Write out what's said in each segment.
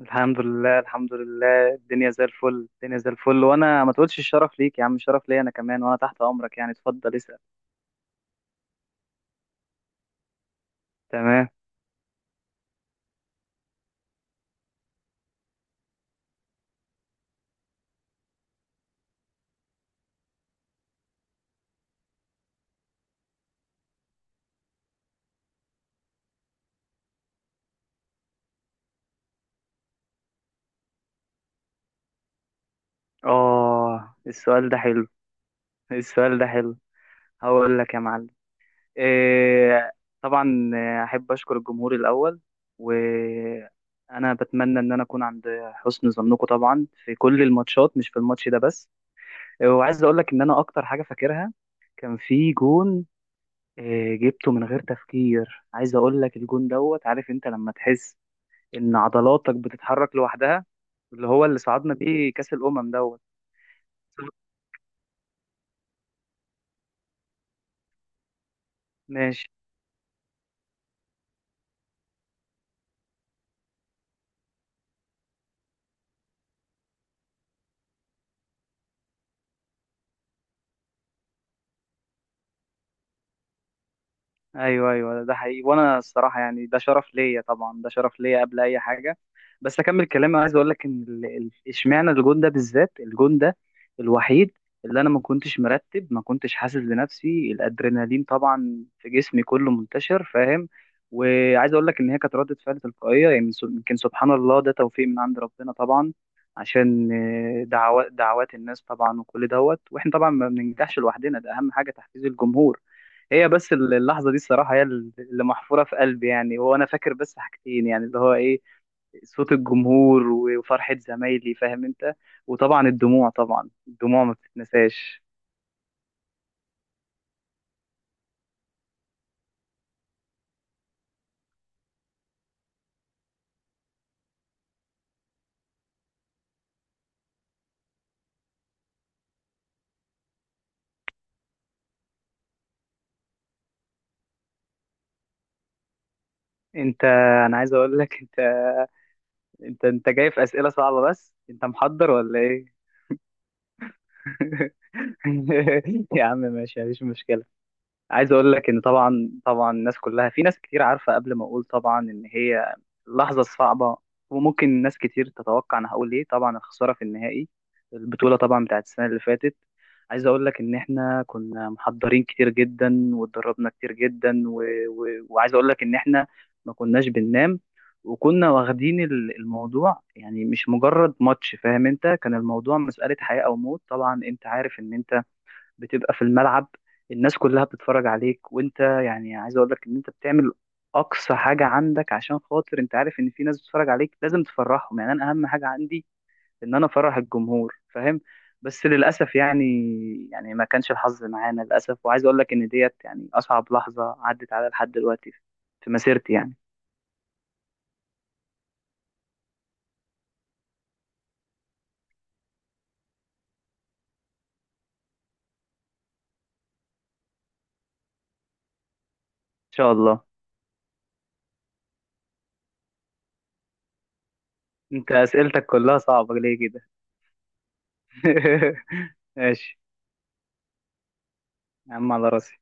الحمد لله الحمد لله، الدنيا زي الفل الدنيا زي الفل. وانا ما تقولش الشرف ليك يا عم، الشرف ليا انا كمان، وانا تحت امرك. يعني اتفضل اسأل. تمام. اه، السؤال ده حلو، السؤال ده حلو. هقول لك يا معلم. إيه طبعا، احب اشكر الجمهور الاول. وانا بتمنى ان انا اكون عند حسن ظنكم، طبعا في كل الماتشات مش في الماتش ده بس. وعايز اقول لك ان انا اكتر حاجه فاكرها كان في جون. جبته من غير تفكير، عايز اقول لك الجون دوت، عارف انت لما تحس ان عضلاتك بتتحرك لوحدها، اللي هو اللي صعدنا بيه كاس الامم دوت. ماشي. ايوه ايوه، ده حقيقي. وانا الصراحه يعني ده شرف ليا طبعا، ده شرف ليا قبل اي حاجه. بس اكمل كلامي، عايز اقول لك ان اشمعنى الجون ده بالذات، الجون ده الوحيد اللي انا ما كنتش مرتب، ما كنتش حاسس بنفسي، الادرينالين طبعا في جسمي كله منتشر، فاهم؟ وعايز اقول لك ان هي كانت ردة فعل تلقائيه يعني، يمكن سبحان الله، ده توفيق من عند ربنا طبعا. عشان دعوات دعوات الناس طبعا، وكل دوت واحنا طبعا ما بننجحش لوحدنا، ده اهم حاجه تحفيز الجمهور. هي بس اللحظة دي الصراحة هي اللي محفورة في قلبي. يعني هو أنا فاكر بس حاجتين، يعني اللي هو إيه، صوت الجمهور وفرحة زمايلي، فاهم أنت. وطبعا الدموع، طبعا الدموع ما بتتنساش. أنت، أنا عايز أقول لك، أنت جاي في أسئلة صعبة، بس أنت محضر ولا إيه؟ يا عم ماشي، مفيش مشكلة. عايز اقول لك ان طبعا طبعا الناس كلها، في ناس كتير عارفه قبل ما اقول طبعا ان هي لحظه صعبه. وممكن ناس كتير تتوقع انا هقول ايه، طبعا الخساره في النهائي البطوله، طبعا بتاعت السنه اللي فاتت. عايز اقول لك ان احنا كنا محضرين كتير جدا واتدربنا كتير جدا، وعايز اقول لك ان احنا ما كناش بننام. وكنا واخدين الموضوع، يعني مش مجرد ماتش، فاهم انت؟ كان الموضوع مسألة حياة او موت. طبعا انت عارف ان انت بتبقى في الملعب، الناس كلها بتتفرج عليك، وانت يعني عايز اقول لك ان انت بتعمل اقصى حاجه عندك، عشان خاطر انت عارف ان في ناس بتتفرج عليك، لازم تفرحهم. يعني انا اهم حاجه عندي ان انا افرح الجمهور، فاهم؟ بس للاسف يعني ما كانش الحظ معانا للاسف. وعايز اقول لك ان ديت يعني اصعب لحظه عدت على لحد دلوقتي في مسيرتي. يعني ان شاء الله. انت اسئلتك كلها صعبه ليه كده؟ ماشي يا عم، على راسي.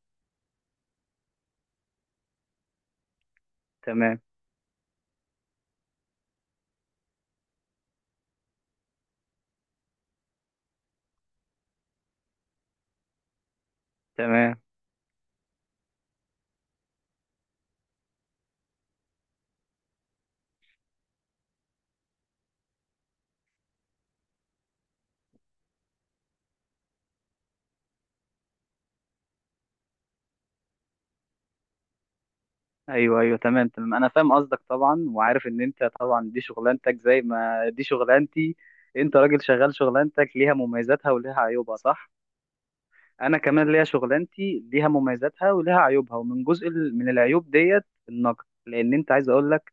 تمام تمام. ايوه ايوه، تمام تمام، انا فاهم قصدك طبعا، وعارف ان انت طبعا دي شغلانتك زي ما دي شغلانتي. انت راجل شغال، شغلانتك ليها مميزاتها وليها عيوبها، صح؟ انا كمان ليا شغلانتي، ليها مميزاتها وليها عيوبها، ومن جزء من العيوب ديت النقد. لان انت، عايز اقول لك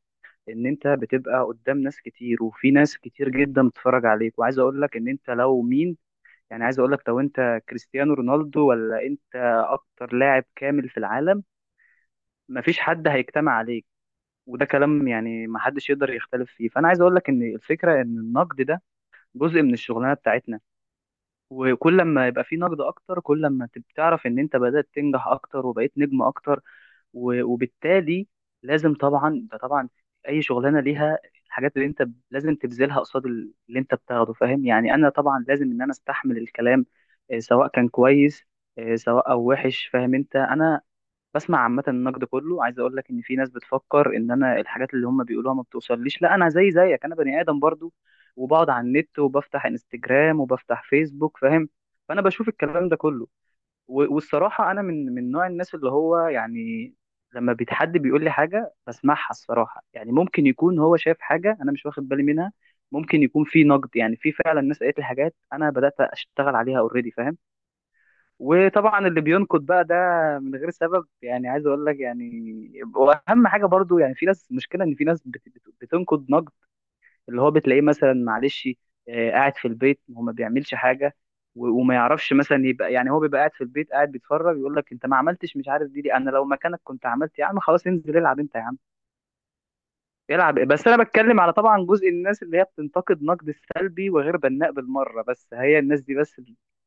ان انت بتبقى قدام ناس كتير، وفي ناس كتير جدا بتتفرج عليك. وعايز اقول لك ان انت لو مين، يعني عايز اقول لك لو انت كريستيانو رونالدو، ولا انت اكتر لاعب كامل في العالم، مفيش حد هيجتمع عليك. وده كلام يعني ما حدش يقدر يختلف فيه. فانا عايز اقول لك ان الفكره ان النقد ده جزء من الشغلانه بتاعتنا. وكل ما يبقى في نقد اكتر، كل ما تعرف ان انت بدات تنجح اكتر وبقيت نجم اكتر. وبالتالي لازم طبعا، ده طبعا اي شغلانه ليها الحاجات اللي انت لازم تبذلها قصاد اللي انت بتاخده، فاهم؟ يعني انا طبعا لازم ان انا استحمل الكلام، سواء كان كويس، سواء او وحش، فاهم انت؟ انا بسمع عامة النقد كله. عايز اقول لك ان في ناس بتفكر ان انا الحاجات اللي هم بيقولوها ما بتوصليش. لا، انا زي زيك، انا بني ادم برضو. وبقعد على النت، وبفتح انستجرام، وبفتح فيسبوك، فاهم؟ فانا بشوف الكلام ده كله. والصراحة انا من نوع الناس اللي هو يعني، لما بيتحد بيقول لي حاجة بسمعها الصراحة. يعني ممكن يكون هو شايف حاجة انا مش واخد بالي منها. ممكن يكون في نقد، يعني في فعلا ناس قالت لي حاجات انا بدأت اشتغل عليها اوريدي، فاهم؟ وطبعا اللي بينقد بقى ده من غير سبب يعني، عايز اقول لك يعني، واهم حاجه برضو يعني، في ناس مشكله ان في ناس بتنقد نقد اللي هو بتلاقيه مثلا، معلش، قاعد في البيت هو ما بيعملش حاجه، وما يعرفش مثلا، يبقى يعني هو بيبقى قاعد في البيت، قاعد بيتفرج، يقول لك انت ما عملتش، مش عارف دي انا لو مكانك كنت عملت. يا عم خلاص انزل العب انت يا عم يلعب. بس انا بتكلم على طبعا جزء الناس اللي هي بتنتقد نقد سلبي وغير بناء بالمره، بس هي الناس دي بس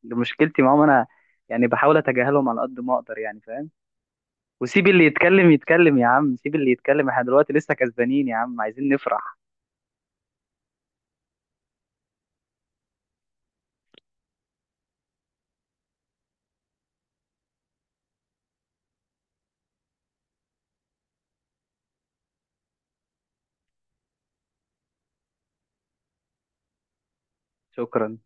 اللي مشكلتي معاهم انا. يعني بحاول اتجاهلهم على قد ما اقدر يعني، فاهم؟ وسيب اللي يتكلم يتكلم يا عم، سيب اللي يتكلم. احنا دلوقتي لسه كسبانين يا عم، عايزين نفرح. شكرا.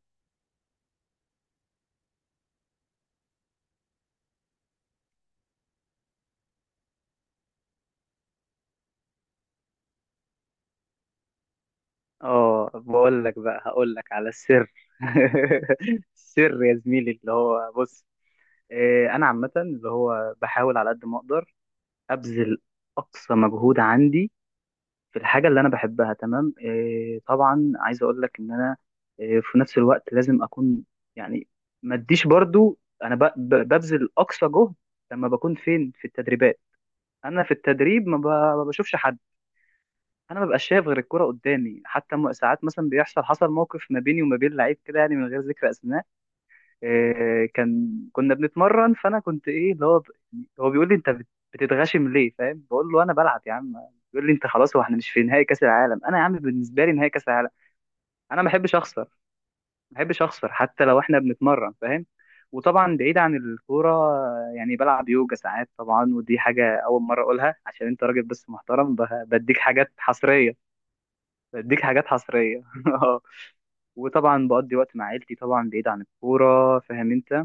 اه، بقول لك بقى هقول لك على السر. السر يا زميلي اللي هو، بص، انا عامه اللي هو بحاول على قد ما اقدر ابذل اقصى مجهود عندي في الحاجة اللي أنا بحبها. تمام. إيه طبعا، عايز أقول لك إن أنا إيه في نفس الوقت لازم أكون، يعني، ما أديش برضو. أنا ببذل أقصى جهد لما بكون فين في التدريبات. أنا في التدريب ما بشوفش حد. أنا ما ببقاش شايف غير الكرة قدامي. حتى ساعات مثلا حصل موقف ما بيني وما بين لعيب كده، يعني من غير ذكر أسماء. كان كنا بنتمرن، فانا كنت ايه اللي هو بيقول لي انت بتتغشم ليه، فاهم؟ بقول له انا بلعب يا عم. بيقول لي انت خلاص، هو احنا مش في نهائي كاس العالم؟ انا يا عم بالنسبه لي نهائي كاس العالم. انا ما بحبش اخسر، ما بحبش اخسر حتى لو احنا بنتمرن، فاهم؟ وطبعا بعيد عن الكوره، يعني بلعب يوجا ساعات طبعا. ودي حاجه اول مره اقولها، عشان انت راجل بس محترم، بديك حاجات حصريه. بديك حاجات حصريه. وطبعا بقضي وقت مع عيلتي طبعا بعيد عن الكوره، فاهم انت؟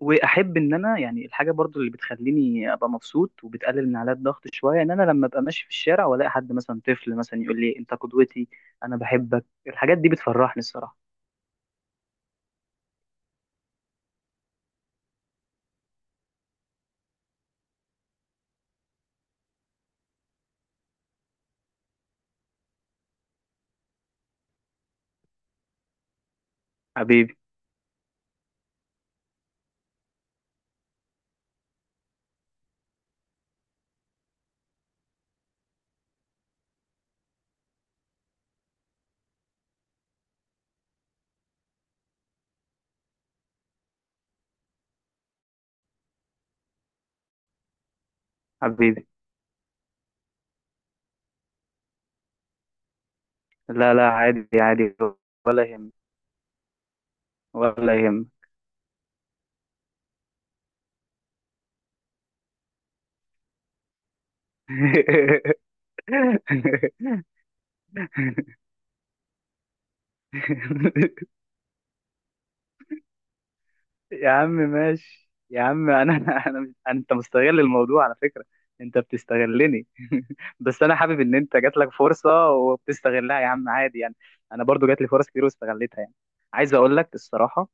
واحب ان انا يعني الحاجه برضو اللي بتخليني ابقى مبسوط وبتقلل من عليا الضغط شويه، ان انا لما ابقى ماشي في الشارع والاقي حد مثلا، طفل مثلا، يقول لي انت قدوتي، انا بحبك، الحاجات دي بتفرحني الصراحه. حبيبي، حبيبي. لا لا، عادي عادي. ولا يهم، ولا يهم. يا عم ماشي يا عم. انا انا أنا- مش- انت مستغل الموضوع على فكرة. انت بتستغلني. بس انا حابب ان انت جات لك فرصة وبتستغلها يا عم، عادي يعني. انا برضو جات لي فرص كتير واستغلتها يعني. عايز اقول لك الصراحة،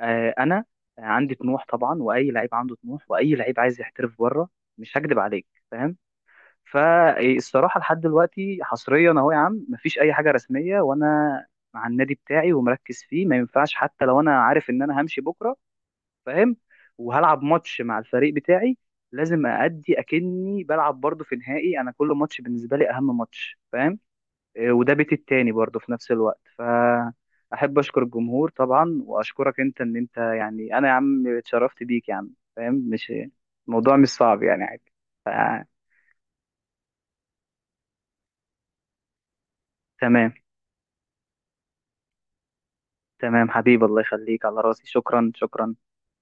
انا عندي طموح طبعا. واي لعيب عنده طموح، واي لعيب عايز يحترف بره، مش هكدب عليك، فاهم؟ فالصراحة لحد دلوقتي حصريا اهو يا عم، مفيش اي حاجة رسمية. وانا مع النادي بتاعي ومركز فيه، ما ينفعش حتى لو انا عارف ان انا همشي بكرة، فاهم؟ وهلعب ماتش مع الفريق بتاعي، لازم أأدي أكني بلعب برضه في نهائي. أنا كل ماتش بالنسبة لي أهم ماتش، فاهم؟ إيه، وده بيتي التاني برضه في نفس الوقت. فأحب أشكر الجمهور طبعا، وأشكرك أنت إن أنت يعني، أنا يا عم اتشرفت بيك يا عم، فاهم؟ مش الموضوع مش صعب يعني، عادي. ف- تمام. تمام حبيبي، الله يخليك، على راسي. شكرا شكرا.